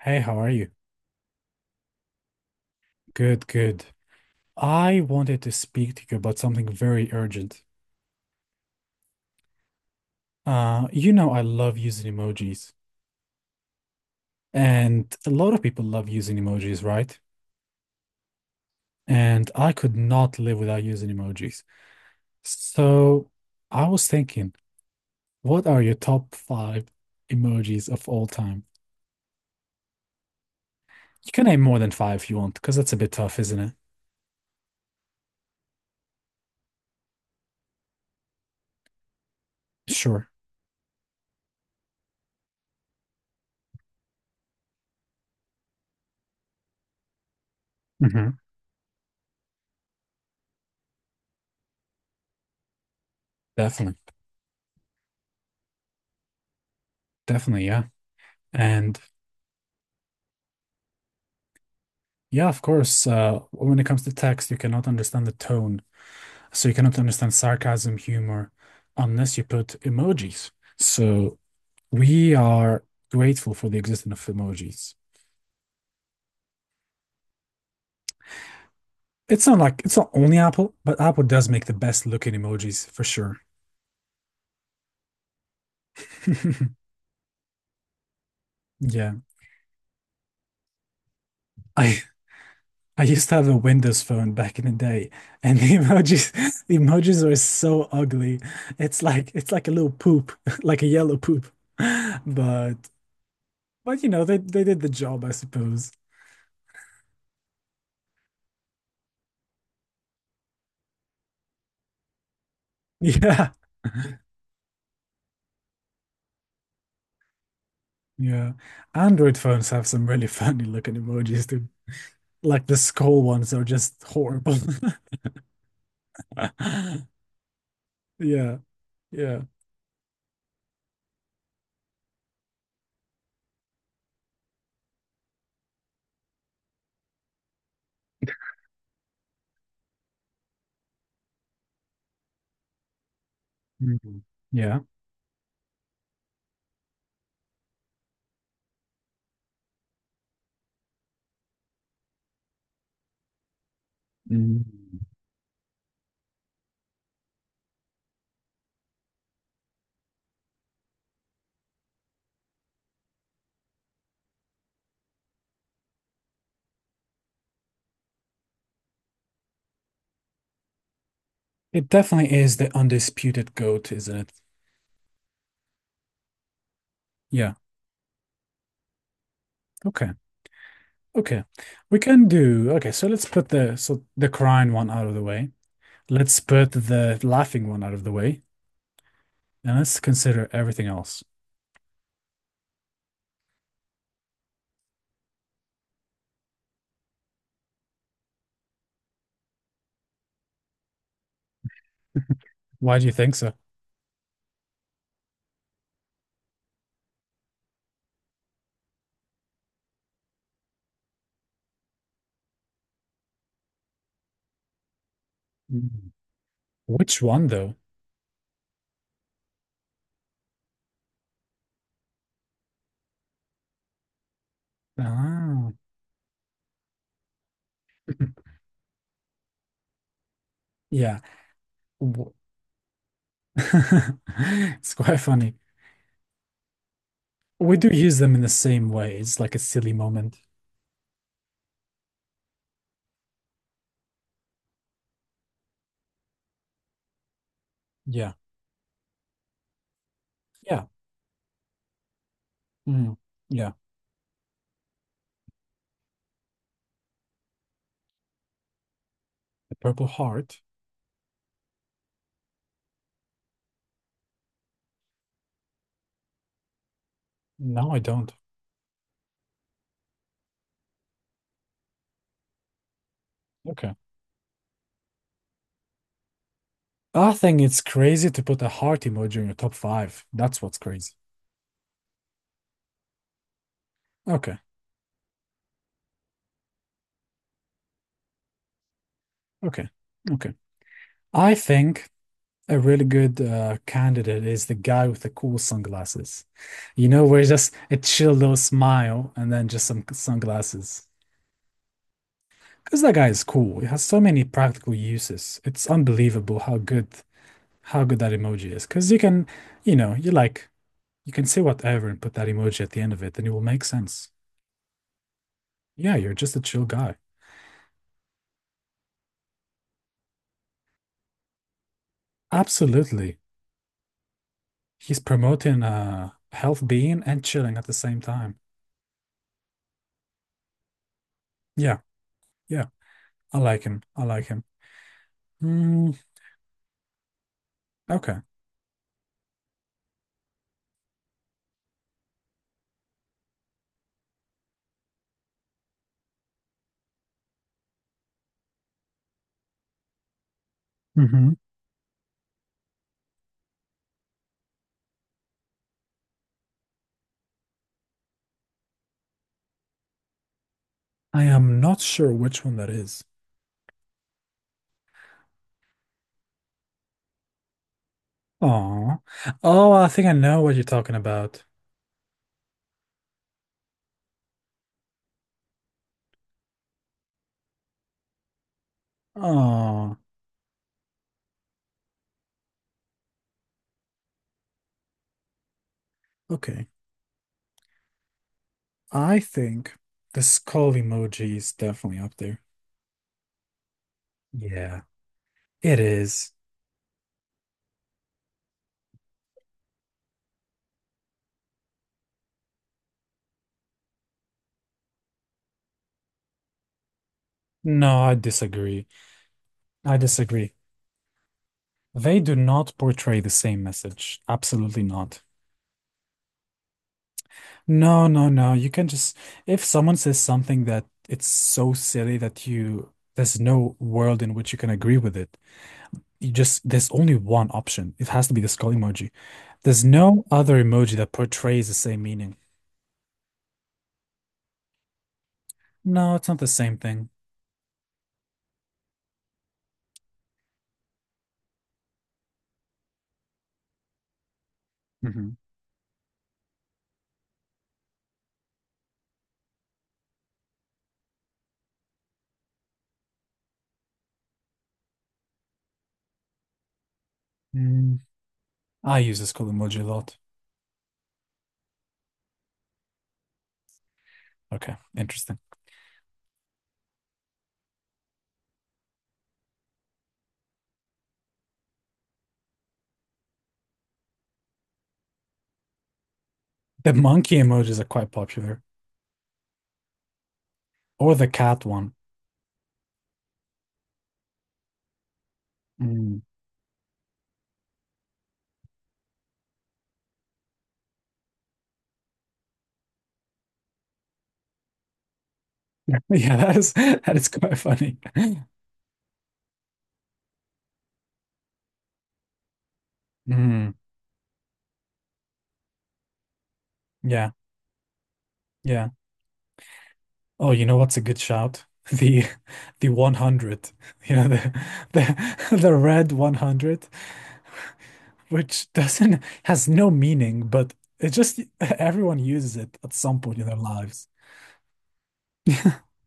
Hey, how are you? Good, good. I wanted to speak to you about something very urgent. You know, I love using emojis, and a lot of people love using emojis, right? And I could not live without using emojis. So I was thinking, what are your top five emojis of all time? You can name more than five if you want, because that's a bit tough, isn't it? Sure. Hmm. Definitely. Definitely, yeah. And yeah, of course, when it comes to text, you cannot understand the tone. So you cannot understand sarcasm, humor, unless you put emojis. So we are grateful for the existence of emojis. It's not like it's not only Apple, but Apple does make the best looking emojis for sure. Yeah. I I used to have a Windows phone back in the day, and the emojis the emojis were so ugly. It's like a little poop, like a yellow poop. But but they did the job, I suppose. Yeah. Yeah. Android phones have some really funny looking emojis too. Like the skull ones are just horrible. Yeah. Yeah. Mhm. Yeah. Mm. It definitely is the undisputed goat, isn't it? Yeah. Okay. Okay. We can do. Okay, so let's put the crying one out of the way. Let's put the laughing one out of the way, and let's consider everything else. Why do you think so? Mm. Which one though? Ah, yeah. W- it's quite funny. We do use them in the same way. It's like a silly moment. Yeah. Yeah. Mm. Yeah. The purple heart. No, I don't. Okay. I think it's crazy to put a heart emoji in your top five. That's what's crazy. Okay. Okay. Okay. I think a really good candidate is the guy with the cool sunglasses. You know, where it's just a chill little smile and then just some sunglasses. Because that guy is cool. It has so many practical uses. It's unbelievable how good that emoji is. Because you can, you know, you can say whatever and put that emoji at the end of it, and it will make sense. Yeah, you're just a chill guy. Absolutely. He's promoting health being and chilling at the same time. Yeah. Yeah. I like him. I like him. Mm, okay. Hmm. I am not sure which one that is. Oh. Oh, I think I know what you're talking about. Oh, okay. I think the skull emoji is definitely up there. Yeah, it is. No, I disagree. I disagree. They do not portray the same message. Absolutely not. No, no, no. You can just, if someone says something that it's so silly that you, there's no world in which you can agree with it, you just there's only one option. It has to be the skull emoji. There's no other emoji that portrays the same meaning. No, it's not the same thing. Hmm. Mm, I use the skull emoji a lot. Okay, interesting. The monkey emojis are quite popular, or the cat one. Mm. Yeah, that is that is quite funny. Mm, yeah, yeah. Oh, you know what's a good shout? The the 100. You know, the the red 100, which doesn't has no meaning, but it just everyone uses it at some point in their lives.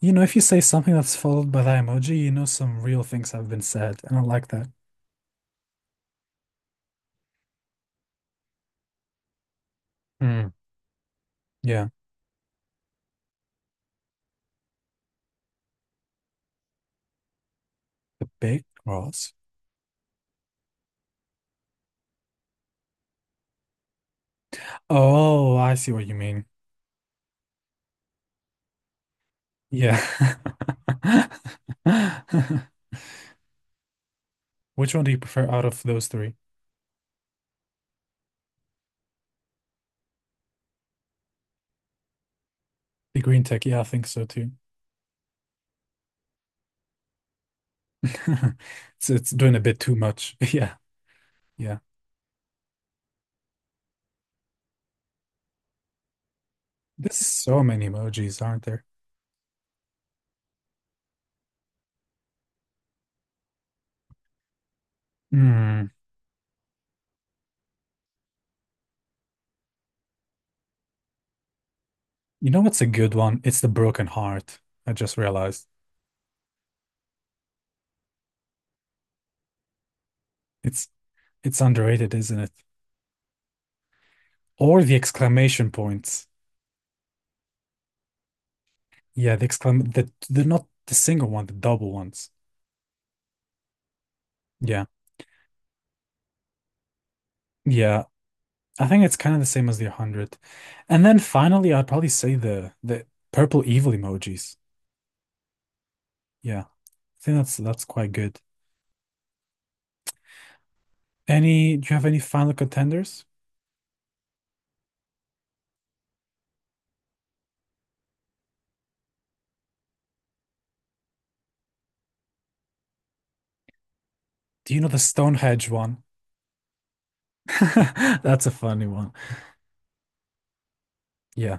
You know, if you say something that's followed by that emoji, you know some real things have been said, and I like that. Mm, yeah, the big cross. Oh, I see what you mean. Yeah. Which one do you prefer out of those three? The green tech, yeah, I think so too. It's doing a bit too much. Yeah, yeah. There's so many emojis, aren't there? Hmm. You know what's a good one? It's the broken heart. I just realized. It's it's underrated, isn't it? Or the exclamation points. Yeah, the not the single one, the double ones. Yeah. Yeah. I think it's kind of the same as the 100. And then finally, I'd probably say the purple evil emojis. Yeah. I think that's quite good. Any, do you have any final contenders? Do you know the Stonehenge one? That's a funny one. Yeah,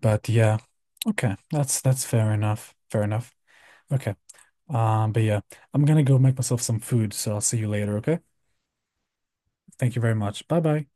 but yeah. Okay, that's fair enough. Fair enough. Okay. But yeah, I'm gonna go make myself some food, so I'll see you later, okay? Thank you very much. Bye bye.